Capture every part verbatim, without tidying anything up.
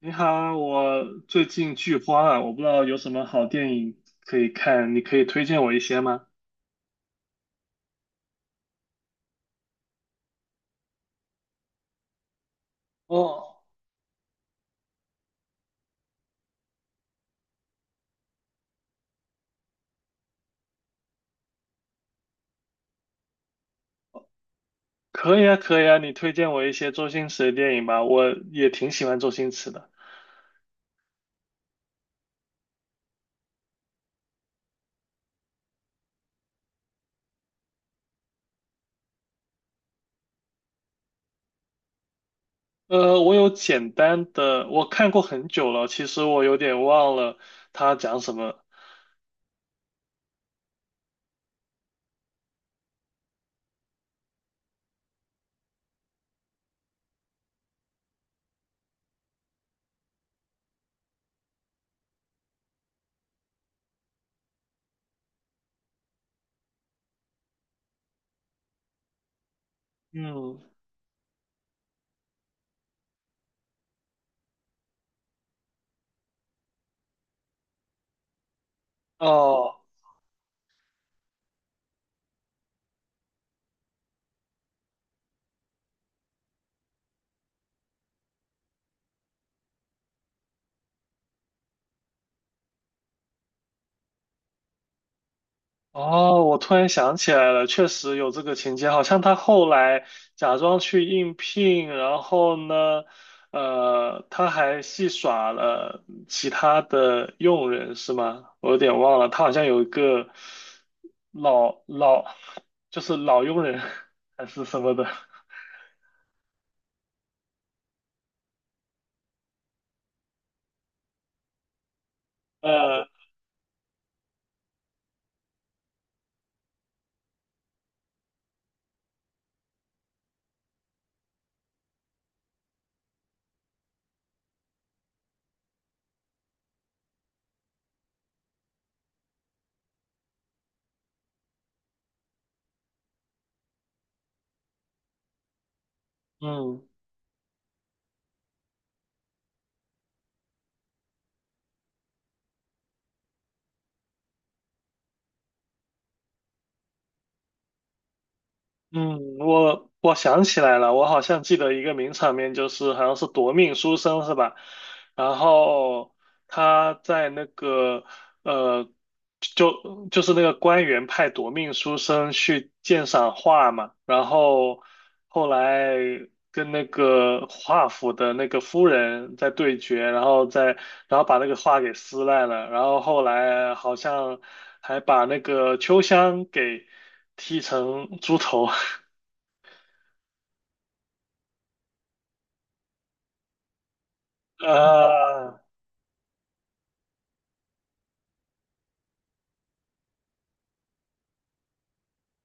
你好，我最近剧荒啊，我不知道有什么好电影可以看，你可以推荐我一些吗？哦，可以啊，可以啊，你推荐我一些周星驰的电影吧，我也挺喜欢周星驰的。呃，我有简单的，我看过很久了，其实我有点忘了他讲什么。嗯，哦，哦，我突然想起来了，确实有这个情节，好像他后来假装去应聘，然后呢，呃，他还戏耍了其他的佣人，是吗？我有点忘了，他好像有一个老老，就是老佣人 还是什么的，呃，嗯。嗯，我我想起来了，我好像记得一个名场面，就是好像是夺命书生是吧？然后他在那个呃，就就是那个官员派夺命书生去鉴赏画嘛，然后后来跟那个画府的那个夫人在对决，然后在然后把那个画给撕烂了，然后后来好像还把那个秋香给，剃成猪头，呃，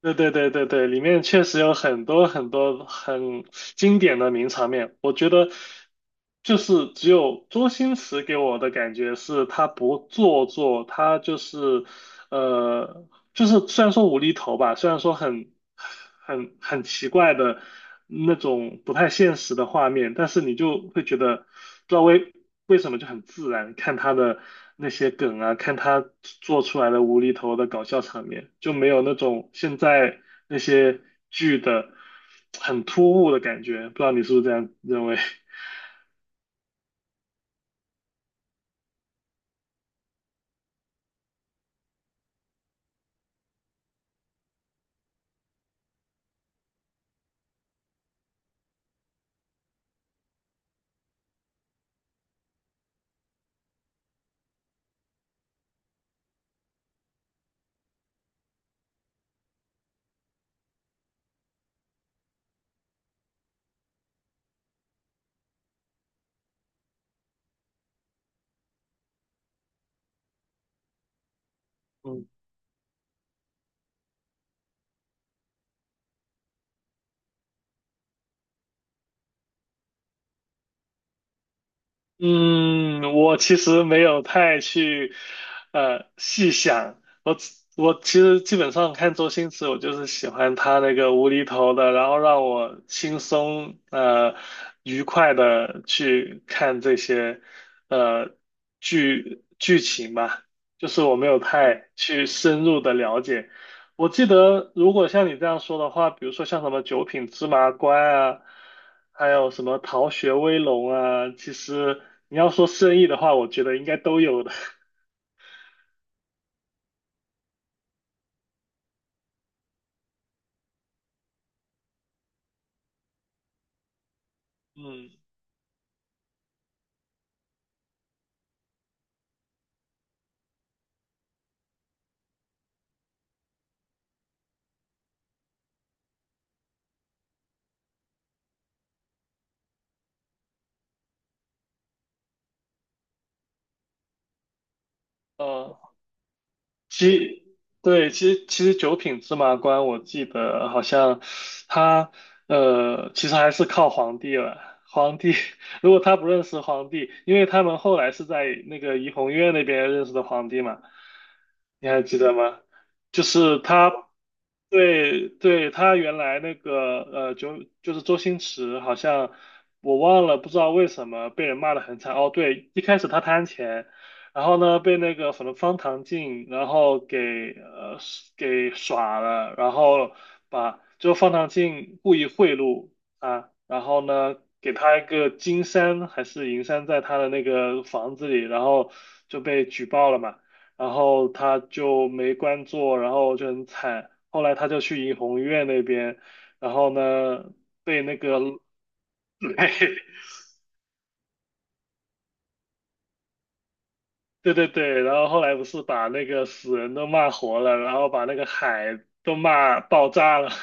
对对对对对，里面确实有很多很多很经典的名场面。我觉得，就是只有周星驰给我的感觉是他不做作，他就是呃，就是虽然说无厘头吧，虽然说很很很奇怪的那种不太现实的画面，但是你就会觉得不知道为为什么就很自然，看他的那些梗啊，看他做出来的无厘头的搞笑场面，就没有那种现在那些剧的很突兀的感觉，不知道你是不是这样认为？嗯。嗯，我其实没有太去呃细想，我只我其实基本上看周星驰，我就是喜欢他那个无厘头的，然后让我轻松呃愉快的去看这些呃剧剧情吧，就是我没有太去深入的了解。我记得，如果像你这样说的话，比如说像什么九品芝麻官啊，还有什么逃学威龙啊，其实你要说生意的话，我觉得应该都有的。嗯，呃 其对，其实其实九品芝麻官，我记得好像他呃，其实还是靠皇帝了。皇帝 如果他不认识皇帝，因为他们后来是在那个怡红院那边认识的皇帝嘛，你还记得吗？就是他对对，他原来那个呃，就就是周星驰，好像我忘了，不知道为什么被人骂得很惨。哦，对，一开始他贪钱，然后呢被那个什么方唐镜，然后给呃给耍了，然后把就方唐镜故意贿赂啊，然后呢给他一个金山还是银山在他的那个房子里，然后就被举报了嘛。然后他就没官做，然后就很惨。后来他就去怡红院那边，然后呢，被那个，对对对，然后后来不是把那个死人都骂活了，然后把那个海都骂爆炸了。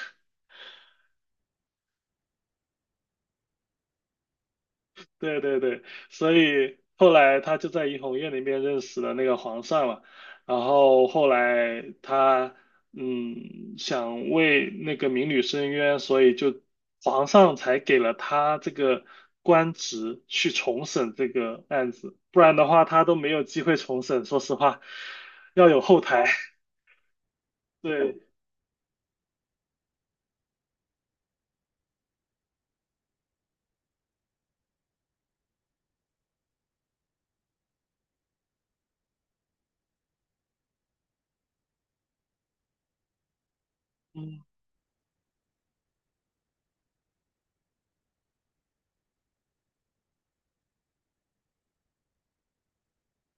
对对对，所以后来他就在怡红院里面认识了那个皇上嘛，然后后来他嗯想为那个民女申冤，所以就皇上才给了他这个官职去重审这个案子，不然的话他都没有机会重审，说实话，要有后台。对，嗯。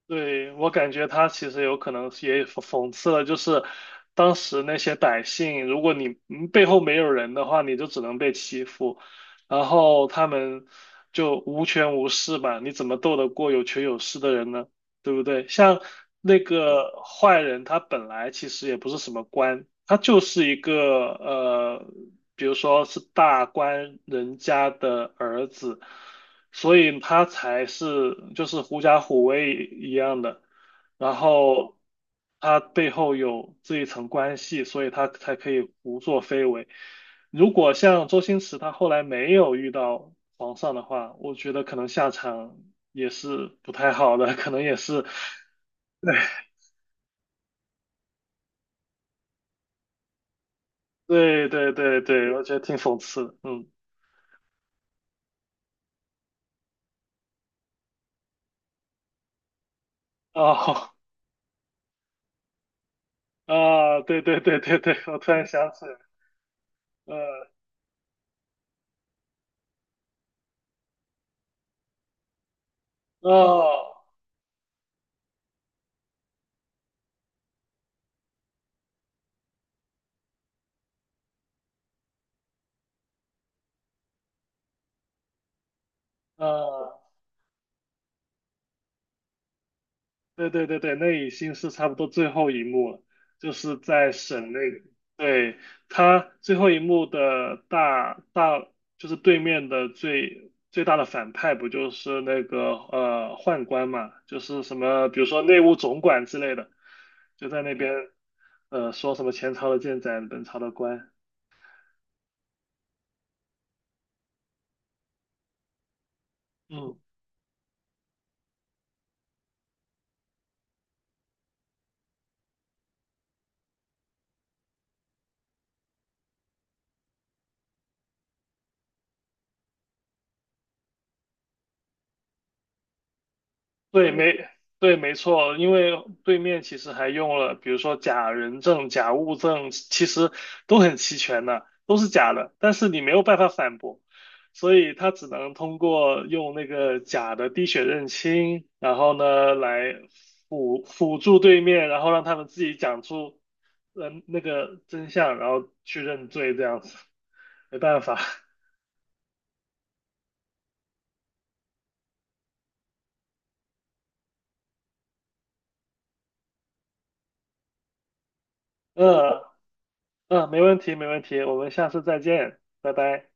对，我感觉他其实有可能是也讽讽刺了，就是当时那些百姓，如果你嗯背后没有人的话，你就只能被欺负，然后他们就无权无势吧，你怎么斗得过有权有势的人呢？对不对？像那个坏人，他本来其实也不是什么官，他就是一个呃，比如说是大官人家的儿子。所以他才是就是狐假虎威一样的，然后他背后有这一层关系，所以他才可以胡作非为。如果像周星驰他后来没有遇到皇上的话，我觉得可能下场也是不太好的，可能也是，对对对对，我觉得挺讽刺的嗯，哦啊，对对对对对，我突然想起来，呃，哦，呃。对对对对，那已经是差不多最后一幕了，就是在省内。对，他最后一幕的大大，就是对面的最最大的反派，不就是那个呃宦官嘛？就是什么，比如说内务总管之类的，就在那边呃说什么前朝的建盏，本朝的官。嗯。对，没对，没错，因为对面其实还用了，比如说假人证、假物证，其实都很齐全的，都是假的，但是你没有办法反驳，所以他只能通过用那个假的滴血认亲，然后呢来辅辅助对面，然后让他们自己讲出嗯、呃那个真相，然后去认罪，这样子，没办法，嗯嗯，没问题，没问题，我们下次再见，拜拜。